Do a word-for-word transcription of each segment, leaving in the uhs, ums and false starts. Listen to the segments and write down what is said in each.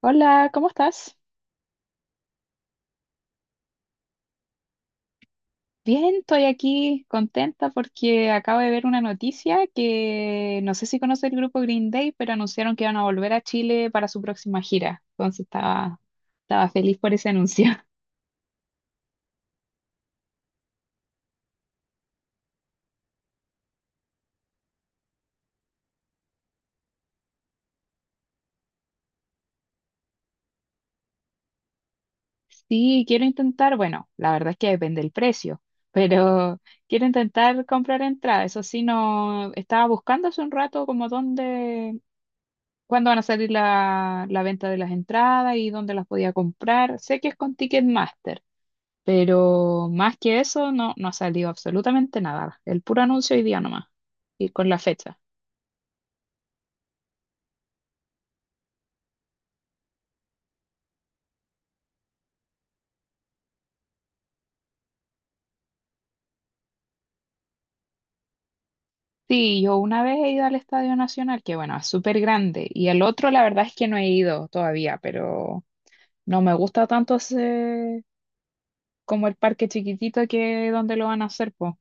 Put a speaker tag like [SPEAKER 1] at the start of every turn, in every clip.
[SPEAKER 1] Hola, ¿cómo estás? Bien, estoy aquí contenta porque acabo de ver una noticia que no sé si conoce el grupo Green Day, pero anunciaron que iban a volver a Chile para su próxima gira. Entonces estaba, estaba feliz por ese anuncio. Sí, quiero intentar, bueno, la verdad es que depende del precio, pero quiero intentar comprar entrada. Eso sí, no estaba buscando hace un rato como dónde, cuándo van a salir la, la venta de las entradas y dónde las podía comprar. Sé que es con Ticketmaster. Pero más que eso, no, no ha salido absolutamente nada. El puro anuncio hoy día nomás. Y con la fecha. Sí, yo una vez he ido al Estadio Nacional, que bueno, es súper grande. Y el otro, la verdad es que no he ido todavía, pero no me gusta tanto ese- como el parque chiquitito que donde lo van a hacer, pues.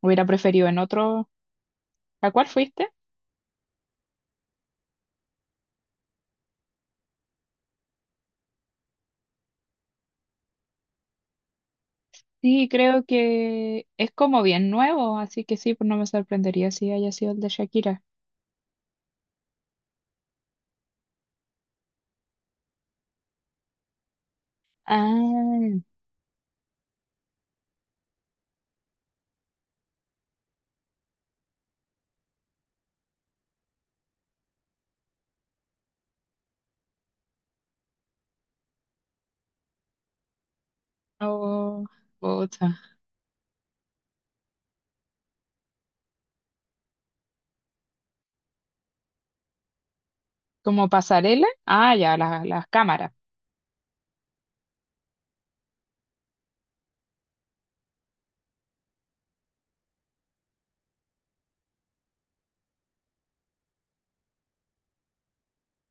[SPEAKER 1] Hubiera preferido en otro. ¿A cuál fuiste? Sí, creo que es como bien nuevo, así que sí, pues no me sorprendería si haya sido el de Shakira. Ah, oh, pucha. Como pasarela. Ah, ya, la- las cámaras.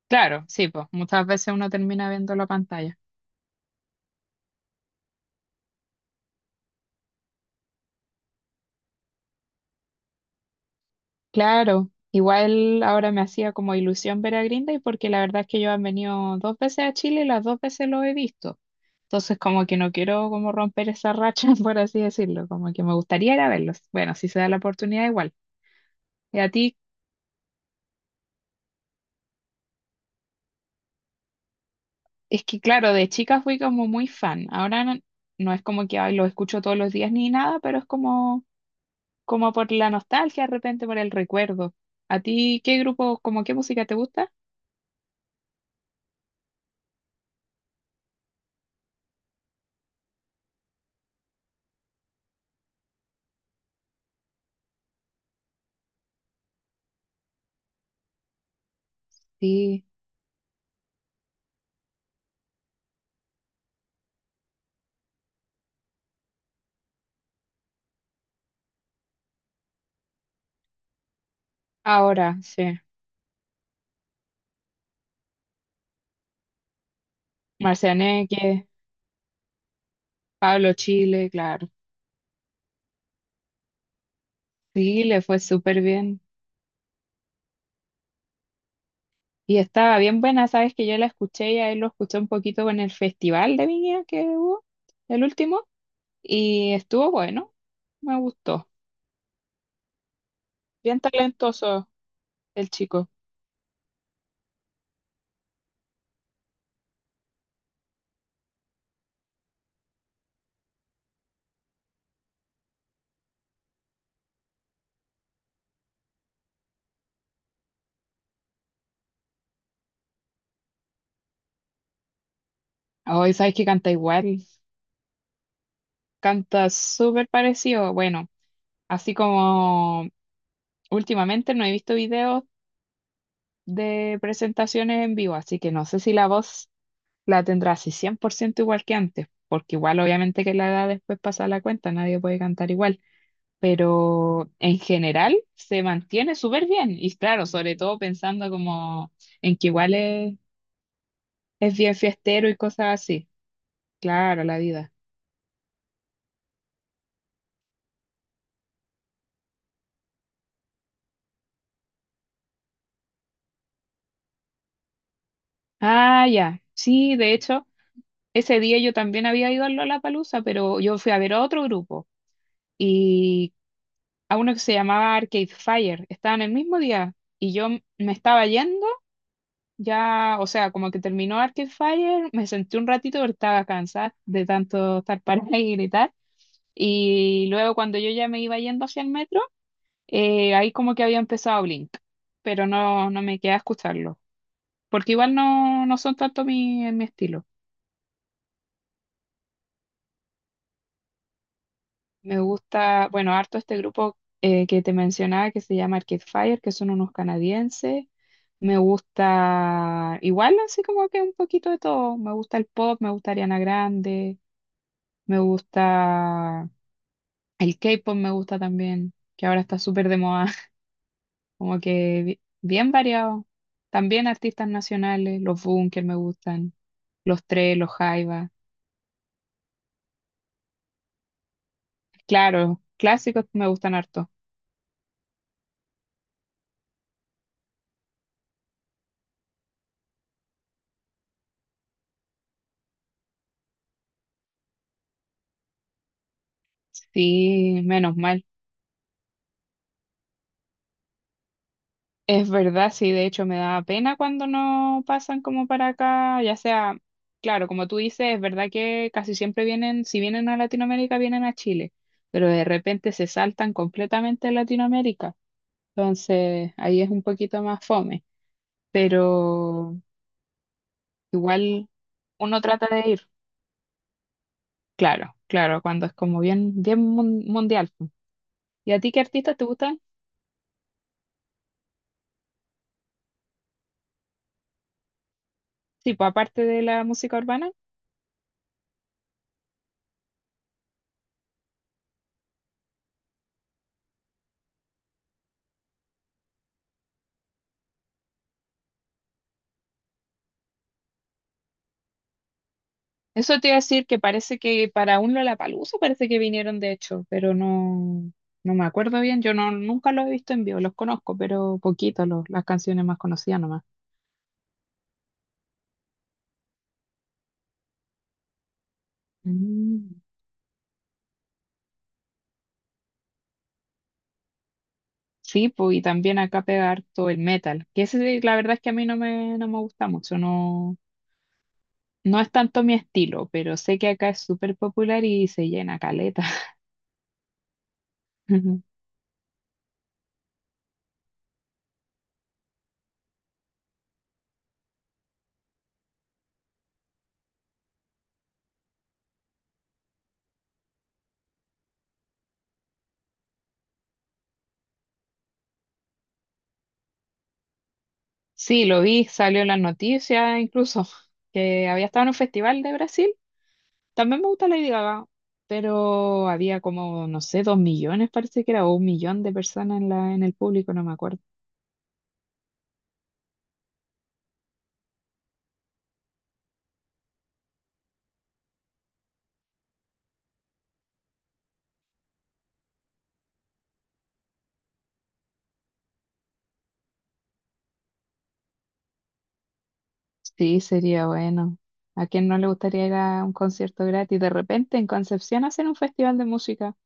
[SPEAKER 1] Claro, sí, pues muchas veces uno termina viendo la pantalla. Claro, igual ahora me hacía como ilusión ver a Green Day porque la verdad es que yo han venido dos veces a Chile y las dos veces lo he visto. Entonces como que no quiero como romper esa racha, por así decirlo, como que me gustaría ir a verlos. Bueno, si se da la oportunidad igual. Y a ti, es que claro, de chica fui como muy fan. Ahora no, no es como que ay, lo escucho todos los días ni nada, pero es como como por la nostalgia, de repente por el recuerdo. ¿A ti qué grupo, como qué música te gusta? Sí, ahora, sí. Marcianeque, Pablo Chile, claro. Sí, le fue súper bien. Y estaba bien buena, sabes que yo la escuché y a él lo escuché un poquito en el festival de Viña que hubo, el último, y estuvo bueno, me gustó. Bien talentoso el chico. Hoy sabes que canta igual, canta súper parecido, bueno, así como últimamente no he visto videos de presentaciones en vivo, así que no sé si la voz la tendrá así cien por ciento igual que antes, porque igual obviamente que la edad después pasa la cuenta, nadie puede cantar igual, pero en general se mantiene súper bien y claro, sobre todo pensando como en que igual es, es bien fiestero y cosas así. Claro, la vida. Ah, ya. Sí, de hecho, ese día yo también había ido a Lollapalooza, pero yo fui a ver a otro grupo. Y a uno que se llamaba Arcade Fire. Estaban el mismo día y yo m- me estaba yendo, ya, o sea, como que terminó Arcade Fire, me senté un ratito porque estaba cansada de tanto estar parada y gritar. Y luego cuando yo ya me iba yendo hacia el metro, eh, ahí como que había empezado Blink, pero no, no me quedé a escucharlo, porque igual no, no son tanto mi, mi estilo. Me gusta, bueno, harto este grupo eh, que te mencionaba que se llama Arcade Fire, que son unos canadienses. Me gusta, igual así como que un poquito de todo. Me gusta el pop, me gusta Ariana Grande, me gusta el K-pop, me gusta también, que ahora está súper de moda. Como que bi- bien variado. También artistas nacionales, los Bunker me gustan, los Tres, los Jaiba. Claro, clásicos me gustan harto. Sí, menos mal. Es verdad, sí, de hecho me da pena cuando no pasan como para acá, ya sea, claro, como tú dices, es verdad que casi siempre vienen, si vienen a Latinoamérica, vienen a Chile, pero de repente se saltan completamente a Latinoamérica, entonces ahí es un poquito más fome, pero igual uno trata de ir, claro, claro, cuando es como bien, bien mun- mundial. ¿Y a ti qué artistas te gustan? Sí, pues aparte de la música urbana. Eso te iba a decir que parece que para un Lollapalooza parece que vinieron de hecho, pero no, no me acuerdo bien. Yo no, nunca los he visto en vivo, los conozco, pero poquito, los, las canciones más conocidas nomás. Mm. Sí, pues, y también acá pega harto el metal, que ese, la verdad es que a mí no me, no me gusta mucho, no, no es tanto mi estilo, pero sé que acá es súper popular y se llena caleta. Sí, lo vi, salió en las noticias incluso, que había estado en un festival de Brasil. También me gusta Lady Gaga, pero había como, no sé, dos millones, parece que era, o un millón de personas en la, en el público, no me acuerdo. Sí, sería bueno. ¿A quién no le gustaría ir a un concierto gratis? De repente en Concepción hacen un festival de música.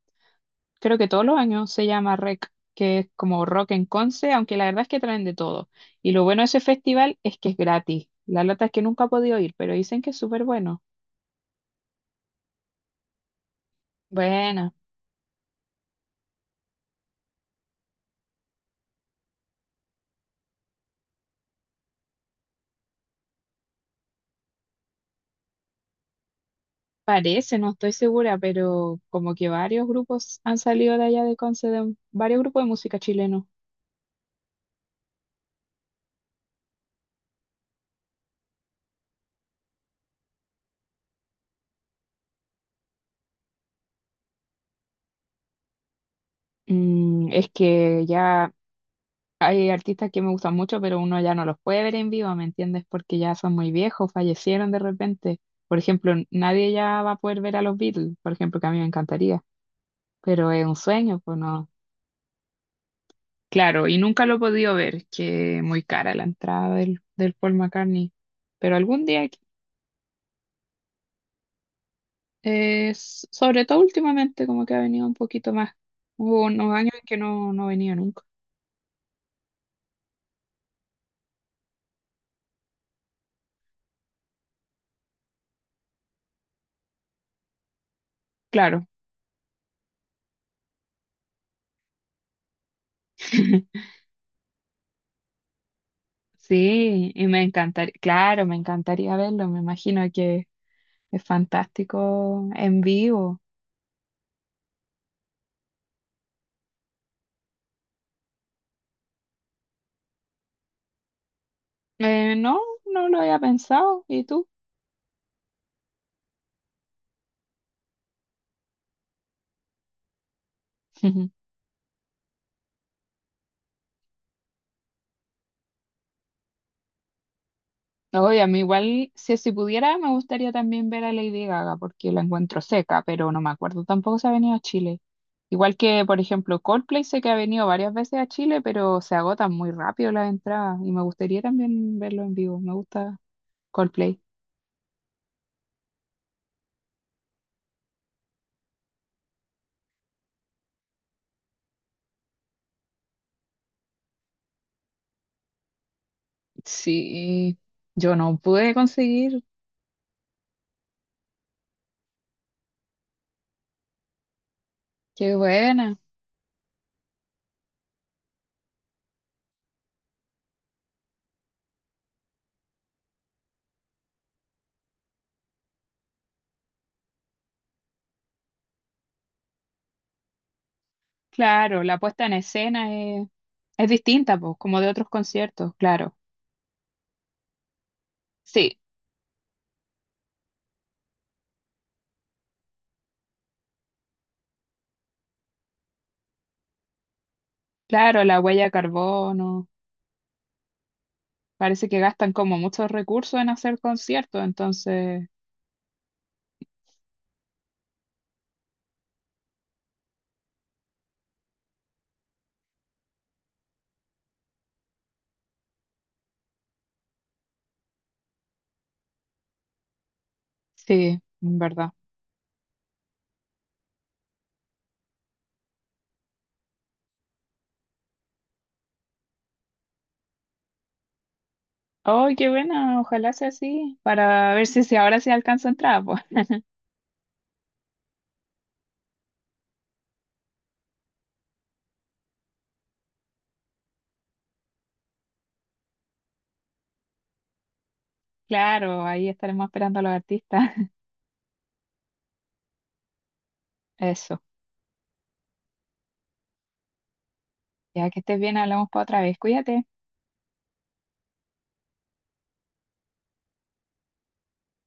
[SPEAKER 1] Creo que todos los años se llama REC, que es como Rock en Conce, aunque la verdad es que traen de todo. Y lo bueno de ese festival es que es gratis. La lata es que nunca he podido ir, pero dicen que es súper bueno. Bueno. Parece, no estoy segura, pero como que varios grupos han salido de allá de Conce, de- varios grupos de música chileno. Mm, es que ya hay artistas que me gustan mucho, pero uno ya no los puede ver en vivo, ¿me entiendes? Porque ya son muy viejos, fallecieron de repente. Por ejemplo, nadie ya va a poder ver a los Beatles, por ejemplo, que a mí me encantaría, pero es un sueño, pues no. Claro, y nunca lo he podido ver, que muy cara la entrada del, del Paul McCartney, pero algún día es, sobre todo últimamente, como que ha venido un poquito más. Hubo unos años en que no, no venía nunca. Claro. Sí, y me encantaría, claro, me encantaría verlo, me imagino que es fantástico en vivo. Eh, no, no lo había pensado, ¿y tú? Oye, a mí igual, si, si pudiera, me gustaría también ver a Lady Gaga, porque la encuentro seca, pero no me acuerdo tampoco si ha venido a Chile. Igual que, por ejemplo, Coldplay sé que ha venido varias veces a Chile, pero se agotan muy rápido las entradas y me gustaría también verlo en vivo. Me gusta Coldplay. Sí, yo no pude conseguir. Qué buena. Claro, la puesta en escena es, es distinta, pues, como de otros conciertos, claro. Sí, claro, la huella de carbono. Parece que gastan como muchos recursos en hacer conciertos, entonces, sí, en verdad. ¡Oh, qué buena! Ojalá sea así, para ver si, si ahora se alcanza a entrar pues. Claro, ahí estaremos esperando a los artistas. Eso. Ya que estés bien, hablamos para otra vez. Cuídate.